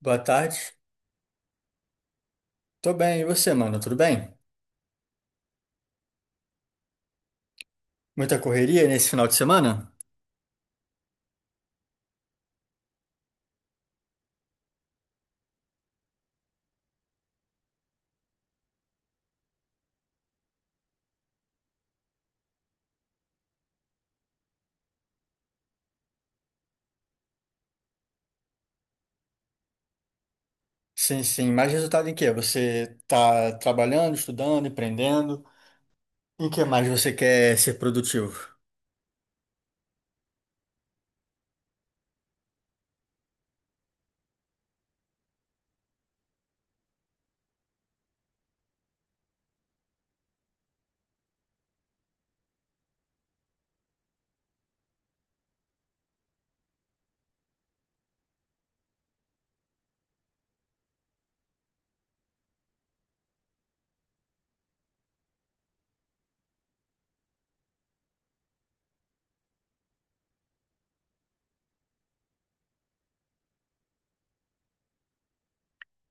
Boa tarde. Tô bem, e você, mano? Tudo bem? Muita correria nesse final de semana? Sim, sim. Mais resultado em quê? Você tá trabalhando, estudando, empreendendo? Em que mais você quer ser produtivo?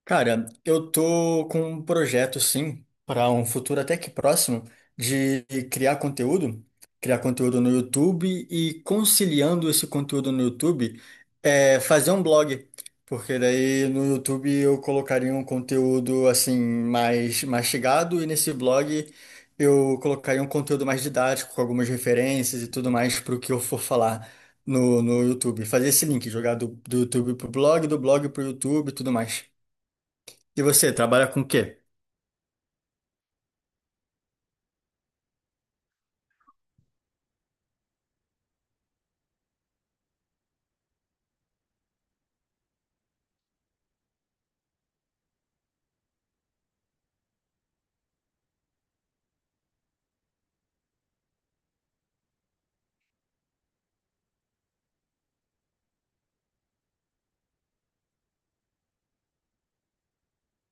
Cara, eu tô com um projeto, sim, para um futuro até que próximo, de criar conteúdo, criar conteúdo no YouTube e conciliando esse conteúdo no YouTube, fazer um blog, porque daí no YouTube eu colocaria um conteúdo assim mais mastigado e nesse blog eu colocaria um conteúdo mais didático, com algumas referências e tudo mais para o que eu for falar no YouTube. Fazer esse link, jogar do YouTube pro blog, do blog pro YouTube e tudo mais. E você trabalha com o quê?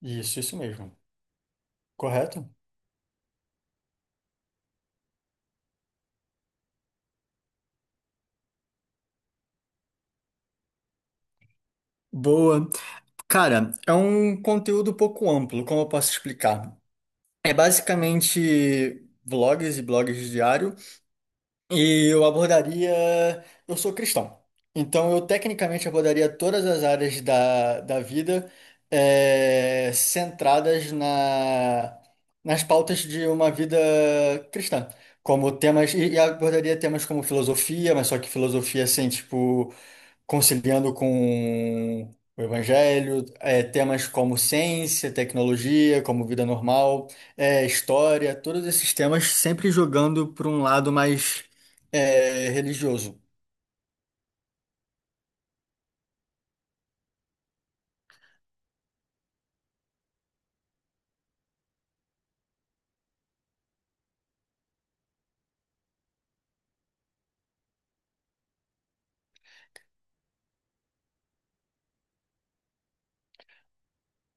Isso mesmo. Correto? Boa. Cara, é um conteúdo um pouco amplo, como eu posso explicar? É basicamente vlogs e blogs diário, e eu abordaria. Eu sou cristão, então eu tecnicamente abordaria todas as áreas da vida eh, centradas na, nas pautas de uma vida cristã, como temas, e abordaria temas como filosofia, mas só que filosofia assim, tipo, conciliando com o evangelho, é, temas como ciência, tecnologia, como vida normal, é, história, todos esses temas sempre jogando para um lado mais é, religioso.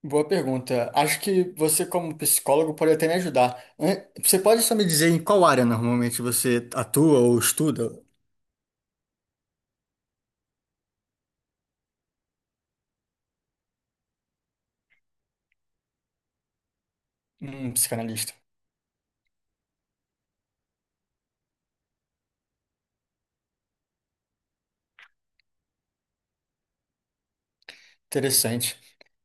Boa pergunta. Acho que você, como psicólogo, pode até me ajudar. Você pode só me dizer em qual área normalmente você atua ou estuda? Um psicanalista. Interessante.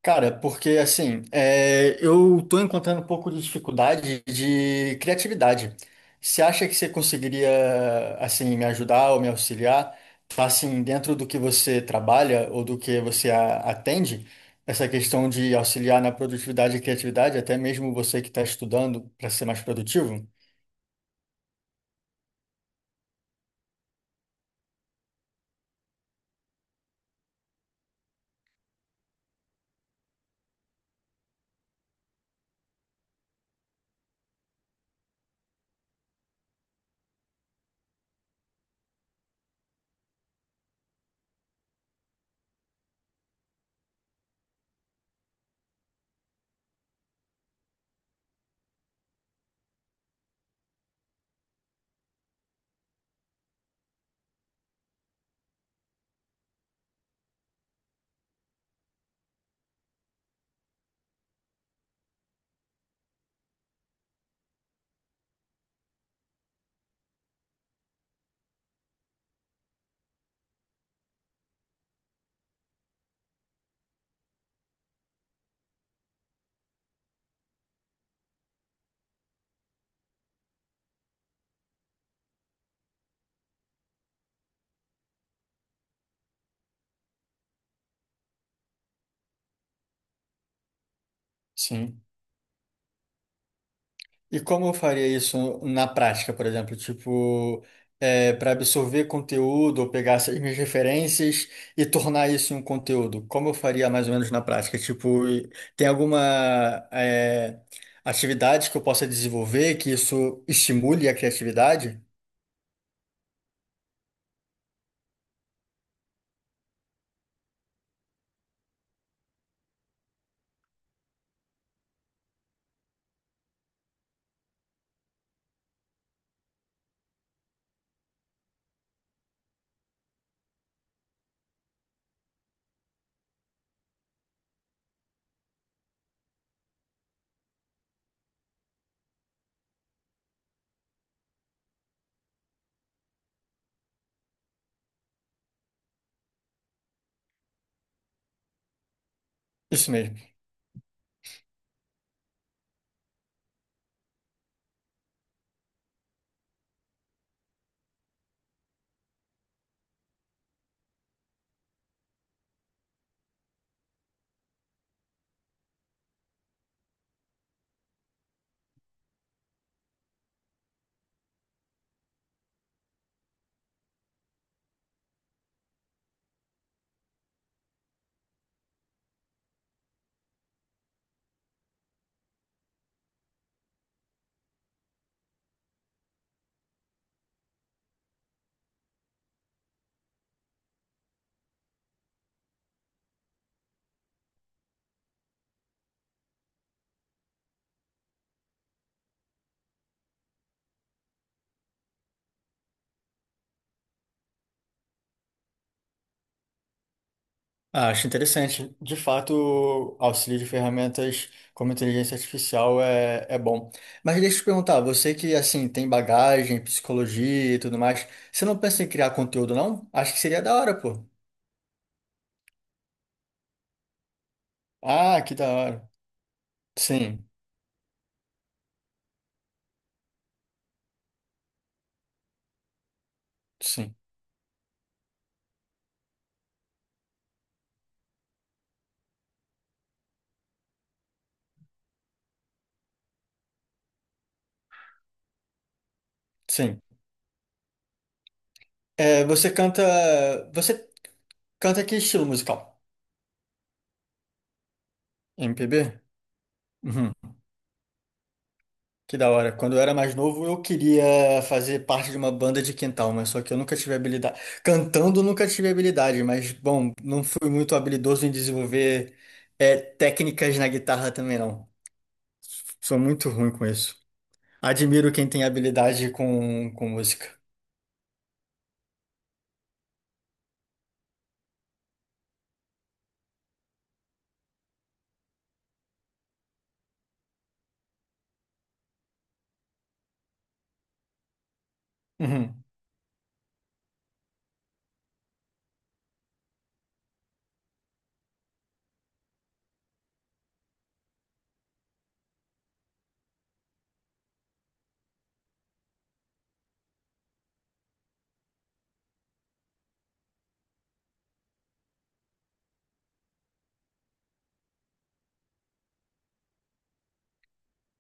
Cara, porque assim, é, eu tô encontrando um pouco de dificuldade de criatividade. Você acha que você conseguiria, assim, me ajudar ou me auxiliar? Tá, assim, dentro do que você trabalha ou do que você atende, essa questão de auxiliar na produtividade e criatividade, até mesmo você que está estudando para ser mais produtivo? Sim. E como eu faria isso na prática, por exemplo? Tipo, para absorver conteúdo ou pegar essas minhas referências e tornar isso em um conteúdo? Como eu faria mais ou menos na prática? Tipo, tem alguma é, atividade que eu possa desenvolver que isso estimule a criatividade? Isso mesmo. Ah, acho interessante. De fato, o auxílio de ferramentas como inteligência artificial é bom. Mas deixa eu te perguntar, você que assim tem bagagem, psicologia e tudo mais, você não pensa em criar conteúdo, não? Acho que seria da hora, pô. Ah, que da hora. Sim, sim, sim. É, você canta. Você canta que estilo musical? MPB? Que da hora. Quando eu era mais novo, eu queria fazer parte de uma banda de quintal, mas só que eu nunca tive habilidade. Cantando, eu nunca tive habilidade, mas, bom, não fui muito habilidoso em desenvolver é, técnicas na guitarra também, não. Sou muito ruim com isso. Admiro quem tem habilidade com música. Uhum,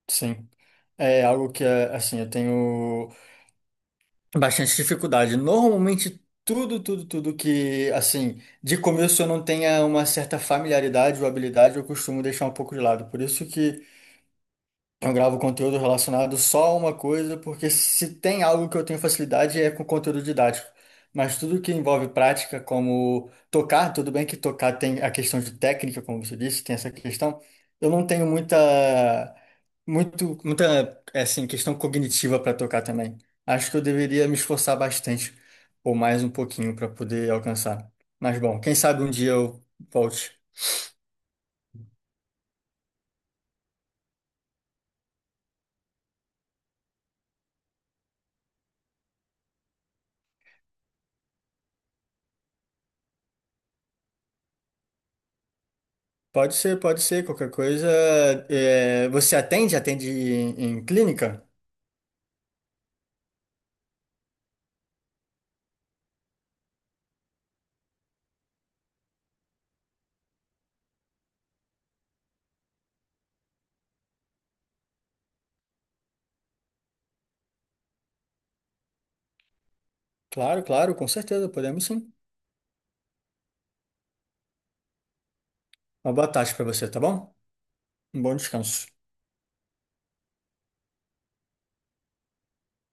sim. É algo que, é, assim, eu tenho bastante dificuldade. Normalmente, tudo, tudo que, assim, de começo eu não tenha uma certa familiaridade ou habilidade, eu costumo deixar um pouco de lado. Por isso que eu gravo conteúdo relacionado só a uma coisa, porque se tem algo que eu tenho facilidade é com conteúdo didático. Mas tudo que envolve prática, como tocar, tudo bem que tocar tem a questão de técnica, como você disse, tem essa questão. Eu não tenho muita, é assim, questão cognitiva para tocar também. Acho que eu deveria me esforçar bastante, ou mais um pouquinho, para poder alcançar. Mas bom, quem sabe um dia eu volte. Pode ser, pode ser. Qualquer coisa. É, você atende? Atende em clínica? Claro, claro, com certeza. Podemos sim. Uma boa tarde para você, tá bom? Um bom descanso.